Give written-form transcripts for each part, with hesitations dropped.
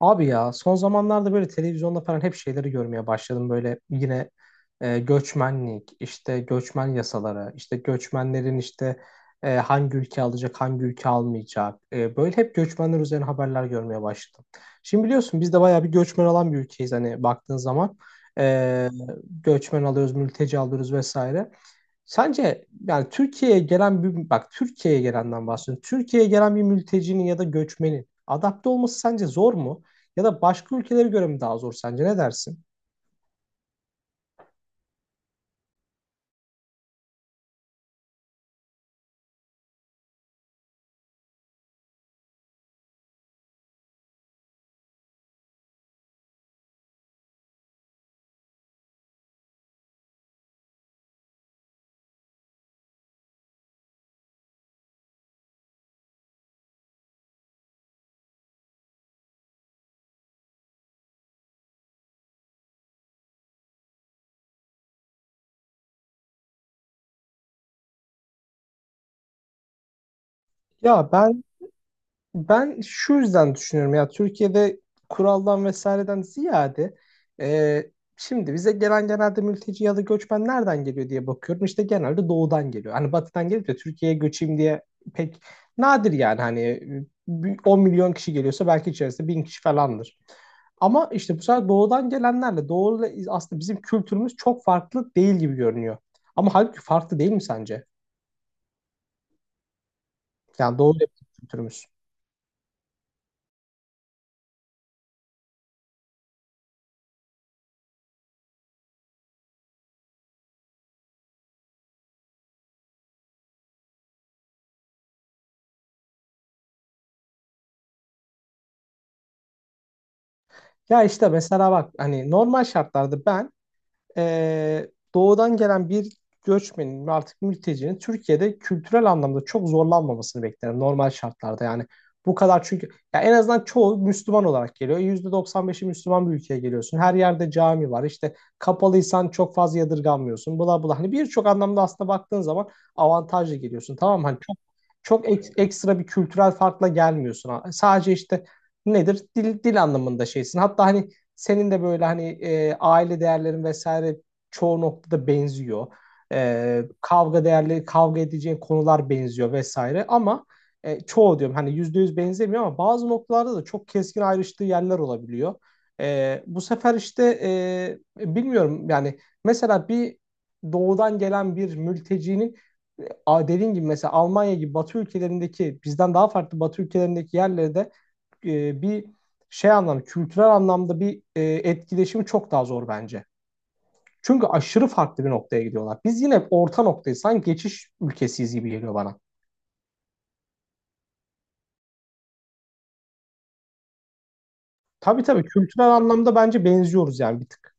Abi ya son zamanlarda böyle televizyonda falan hep şeyleri görmeye başladım. Böyle yine göçmenlik, işte göçmen yasaları, işte göçmenlerin işte hangi ülke alacak, hangi ülke almayacak. Böyle hep göçmenler üzerine haberler görmeye başladım. Şimdi biliyorsun biz de bayağı bir göçmen alan bir ülkeyiz hani baktığın zaman. E, Göçmen alıyoruz, mülteci alıyoruz vesaire. Sence yani Türkiye'ye gelen bir bak Türkiye'ye gelenden bahsediyorum. Türkiye'ye gelen bir mültecinin ya da göçmenin adapte olması sence zor mu? Ya da başka ülkelere göre mi daha zor sence? Ne dersin? Ya ben Ben şu yüzden düşünüyorum ya, Türkiye'de kuraldan vesaireden ziyade, e, şimdi bize gelen genelde mülteci ya da göçmen nereden geliyor diye bakıyorum. İşte genelde doğudan geliyor. Hani batıdan gelip de Türkiye'ye göçeyim diye pek nadir, yani hani 10 milyon kişi geliyorsa belki içerisinde 1.000 kişi falandır. Ama işte bu sefer doğudan gelenlerle, aslında bizim kültürümüz çok farklı değil gibi görünüyor. Ama halbuki farklı değil mi sence? Yani doğu ile bizim kültürümüz. Ya işte mesela bak, hani normal şartlarda ben doğudan gelen bir göçmenin ve artık mültecinin Türkiye'de kültürel anlamda çok zorlanmamasını beklerim, normal şartlarda yani. Bu kadar, çünkü ya en azından çoğu Müslüman olarak geliyor. %95'i Müslüman bir ülkeye geliyorsun. Her yerde cami var. İşte kapalıysan çok fazla yadırganmıyorsun. Bula bula. Hani birçok anlamda aslında baktığın zaman avantajlı geliyorsun. Tamam mı? Hani çok ekstra bir kültürel farkla gelmiyorsun. Sadece işte nedir? Dil, dil anlamında şeysin. Hatta hani senin de böyle hani, aile değerlerin vesaire çoğu noktada benziyor. Kavga değerleri, kavga edeceğin konular benziyor vesaire, ama çoğu diyorum hani, %100 benzemiyor ama bazı noktalarda da çok keskin ayrıştığı yerler olabiliyor. Bu sefer işte, bilmiyorum yani, mesela bir doğudan gelen bir mültecinin, a- gibi mesela Almanya gibi Batı ülkelerindeki, bizden daha farklı Batı ülkelerindeki yerlerde, e, bir şey anlamda kültürel anlamda bir etkileşimi çok daha zor bence. Çünkü aşırı farklı bir noktaya gidiyorlar. Biz yine orta noktayız. Sanki geçiş ülkesiyiz gibi geliyor bana. Tabii tabii, kültürel anlamda bence benziyoruz yani, bir tık.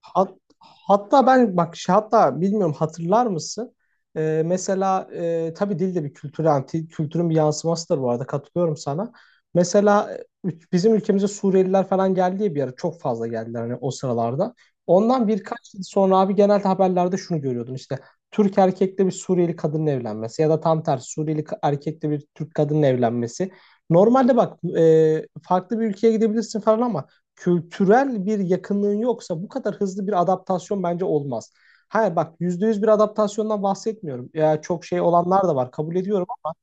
Hat- hatta ben bak şey- hatta bilmiyorum, hatırlar mısın? Mesela tabii dil de bir kültür, yani kültürün bir yansımasıdır, bu arada katılıyorum sana. Mesela bizim ülkemize Suriyeliler falan geldiği bir ara çok fazla geldiler hani o sıralarda. Ondan birkaç yıl sonra abi genelde haberlerde şunu görüyordun işte, Türk erkekle bir Suriyeli kadının evlenmesi ya da tam tersi Suriyeli erkekle bir Türk kadının evlenmesi. Normalde bak, farklı bir ülkeye gidebilirsin falan, ama kültürel bir yakınlığın yoksa bu kadar hızlı bir adaptasyon bence olmaz. Hayır bak, %100 bir adaptasyondan bahsetmiyorum. Ya çok şey olanlar da var, kabul ediyorum ama.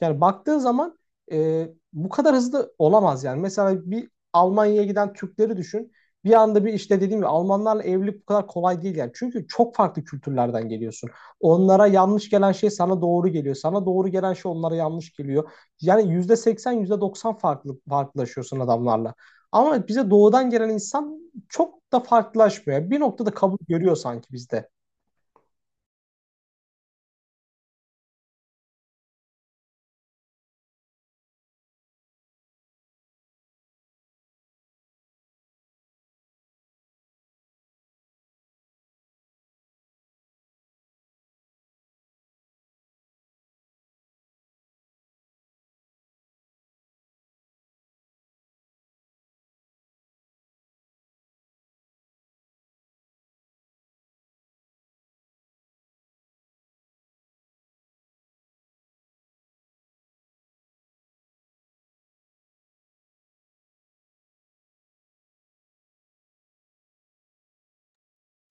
Yani baktığın zaman bu kadar hızlı olamaz yani. Mesela bir Almanya'ya giden Türkleri düşün. Bir anda bir, işte dediğim gibi Almanlarla evlilik bu kadar kolay değil yani. Çünkü çok farklı kültürlerden geliyorsun. Onlara yanlış gelen şey sana doğru geliyor. Sana doğru gelen şey onlara yanlış geliyor. Yani %80 %90 farklı, farklılaşıyorsun adamlarla. Ama bize doğudan gelen insan çok da farklılaşmıyor. Bir noktada kabul görüyor sanki bizde.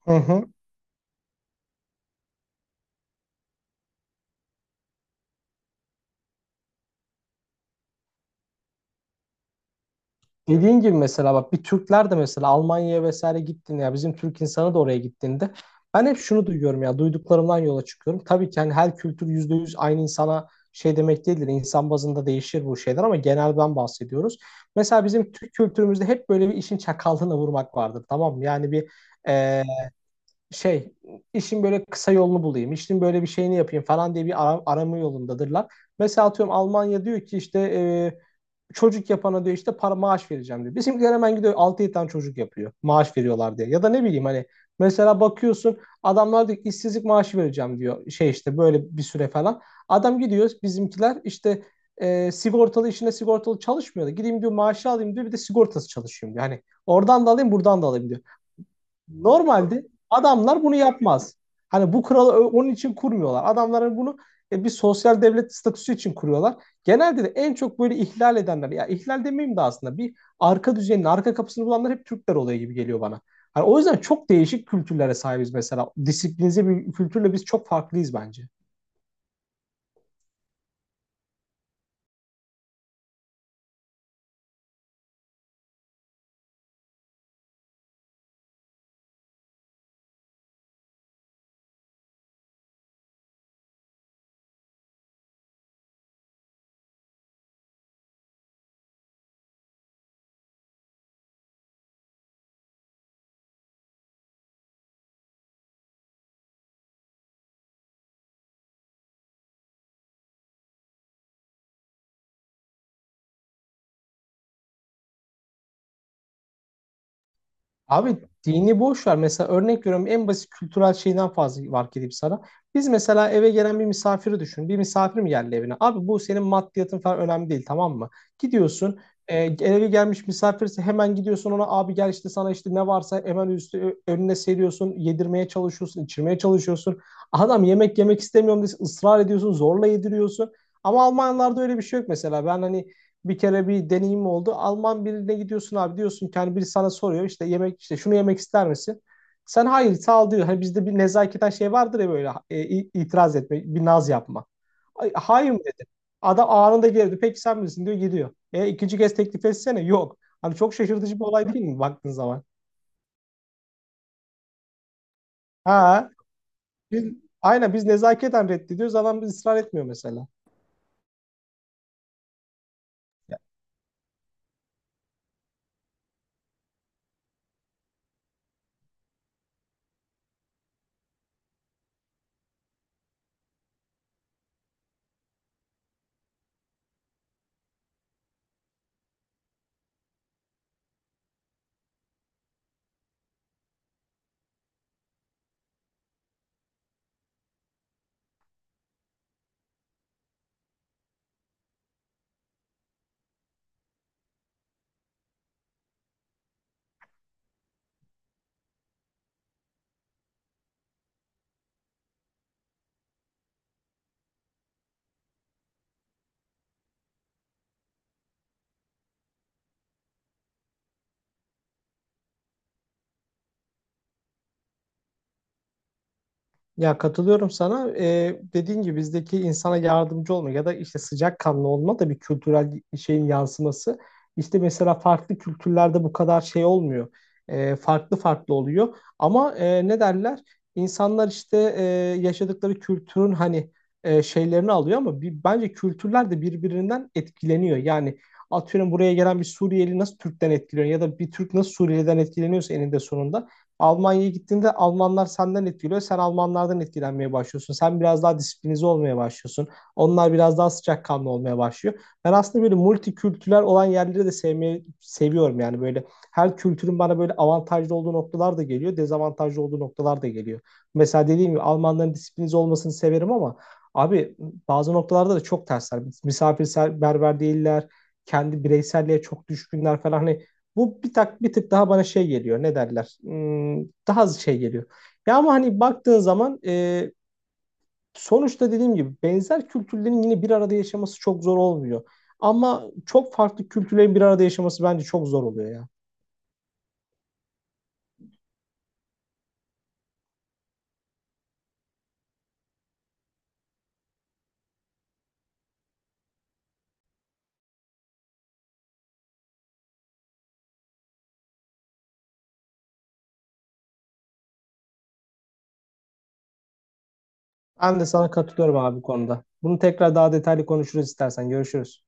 Hı hı. Dediğin gibi mesela bak, Türkler de mesela Almanya'ya vesaire gittiğinde, ya bizim Türk insanı da oraya gittiğinde, ben hep şunu duyuyorum, ya duyduklarımdan yola çıkıyorum. Tabii ki hani her kültür %100 aynı insana şey demek değildir. İnsan bazında değişir bu şeyler ama genelden bahsediyoruz. Mesela bizim Türk kültürümüzde hep böyle bir işin çakallığına vurmak vardır, tamam mı? Yani bir şey, işin böyle kısa yolunu bulayım, işin böyle bir şeyini yapayım falan diye bir arama yolundadırlar. Mesela atıyorum Almanya diyor ki işte çocuk yapana diyor işte para maaş vereceğim diyor. Bizimkiler hemen gidiyor altı 7 tane çocuk yapıyor maaş veriyorlar diye. Ya da ne bileyim hani, mesela bakıyorsun adamlar diyor ki işsizlik maaşı vereceğim diyor, şey işte böyle bir süre falan. Adam gidiyor, bizimkiler işte sigortalı işine sigortalı çalışmıyor da gideyim diyor maaşı alayım diyor, bir de sigortası çalışıyorum diyor. Hani oradan da alayım buradan da alayım diyor. Normalde adamlar bunu yapmaz. Hani bu kuralı onun için kurmuyorlar. Adamların bunu bir sosyal devlet statüsü için kuruyorlar. Genelde de en çok böyle ihlal edenler, ya ihlal demeyeyim de aslında bir arka düzenin, arka kapısını bulanlar hep Türkler oluyor gibi geliyor bana. Hani o yüzden çok değişik kültürlere sahibiz mesela. Disiplinize bir kültürle biz çok farklıyız bence. Abi dini boş ver. Mesela örnek veriyorum, en basit kültürel şeyden fazla fark edeyim sana. Biz mesela eve gelen bir misafiri düşün. Bir misafir mi geldi evine? Abi bu senin maddiyatın falan önemli değil, tamam mı? Gidiyorsun, eve gelmiş misafirse hemen gidiyorsun ona, abi gel işte sana işte ne varsa hemen üstü önüne seriyorsun. Yedirmeye çalışıyorsun, içirmeye çalışıyorsun. Adam yemek yemek istemiyorum diye ısrar ediyorsun, zorla yediriyorsun. Ama Almanlarda öyle bir şey yok mesela. Ben hani bir kere bir deneyim oldu. Alman birine gidiyorsun abi, diyorsun ki hani, biri sana soruyor işte yemek, işte şunu yemek ister misin? Sen hayır sağ ol diyor. Hani bizde bir nezaketen şey vardır ya böyle, itiraz etme, bir naz yapma. Ay, hayır mı dedi. Adam anında geldi. Peki sen bilirsin diyor, gidiyor. E ikinci kez teklif etsene. Yok. Hani çok şaşırtıcı bir olay değil mi baktığın zaman? Ha. Biz, aynen biz nezaketen reddediyoruz. Adam biz ısrar etmiyor mesela. Ya katılıyorum sana. Dediğin gibi bizdeki insana yardımcı olma ya da işte sıcakkanlı olma da bir kültürel şeyin yansıması. İşte mesela farklı kültürlerde bu kadar şey olmuyor. Farklı farklı oluyor. Ama ne derler? İnsanlar işte yaşadıkları kültürün hani, şeylerini alıyor, ama bir, bence kültürler de birbirinden etkileniyor. Yani atıyorum buraya gelen bir Suriyeli nasıl Türk'ten etkileniyor ya da bir Türk nasıl Suriyeli'den etkileniyorsa, eninde sonunda Almanya'ya gittiğinde Almanlar senden etkiliyor. Sen Almanlardan etkilenmeye başlıyorsun. Sen biraz daha disiplinize olmaya başlıyorsun. Onlar biraz daha sıcakkanlı olmaya başlıyor. Ben aslında böyle multikültürel olan yerleri de sevmeyi seviyorum. Yani böyle her kültürün bana böyle avantajlı olduğu noktalar da geliyor. Dezavantajlı olduğu noktalar da geliyor. Mesela dediğim gibi Almanların disiplinize olmasını severim, ama abi bazı noktalarda da çok tersler. Misafirperver değiller. Kendi bireyselliğe çok düşkünler falan. Hani bu bir tık daha bana şey geliyor. Ne derler? Hmm, daha az şey geliyor. Ya ama hani baktığın zaman sonuçta dediğim gibi benzer kültürlerin yine bir arada yaşaması çok zor olmuyor. Ama çok farklı kültürlerin bir arada yaşaması bence çok zor oluyor ya. Ben de sana katılıyorum abi bu konuda. Bunu tekrar daha detaylı konuşuruz istersen. Görüşürüz.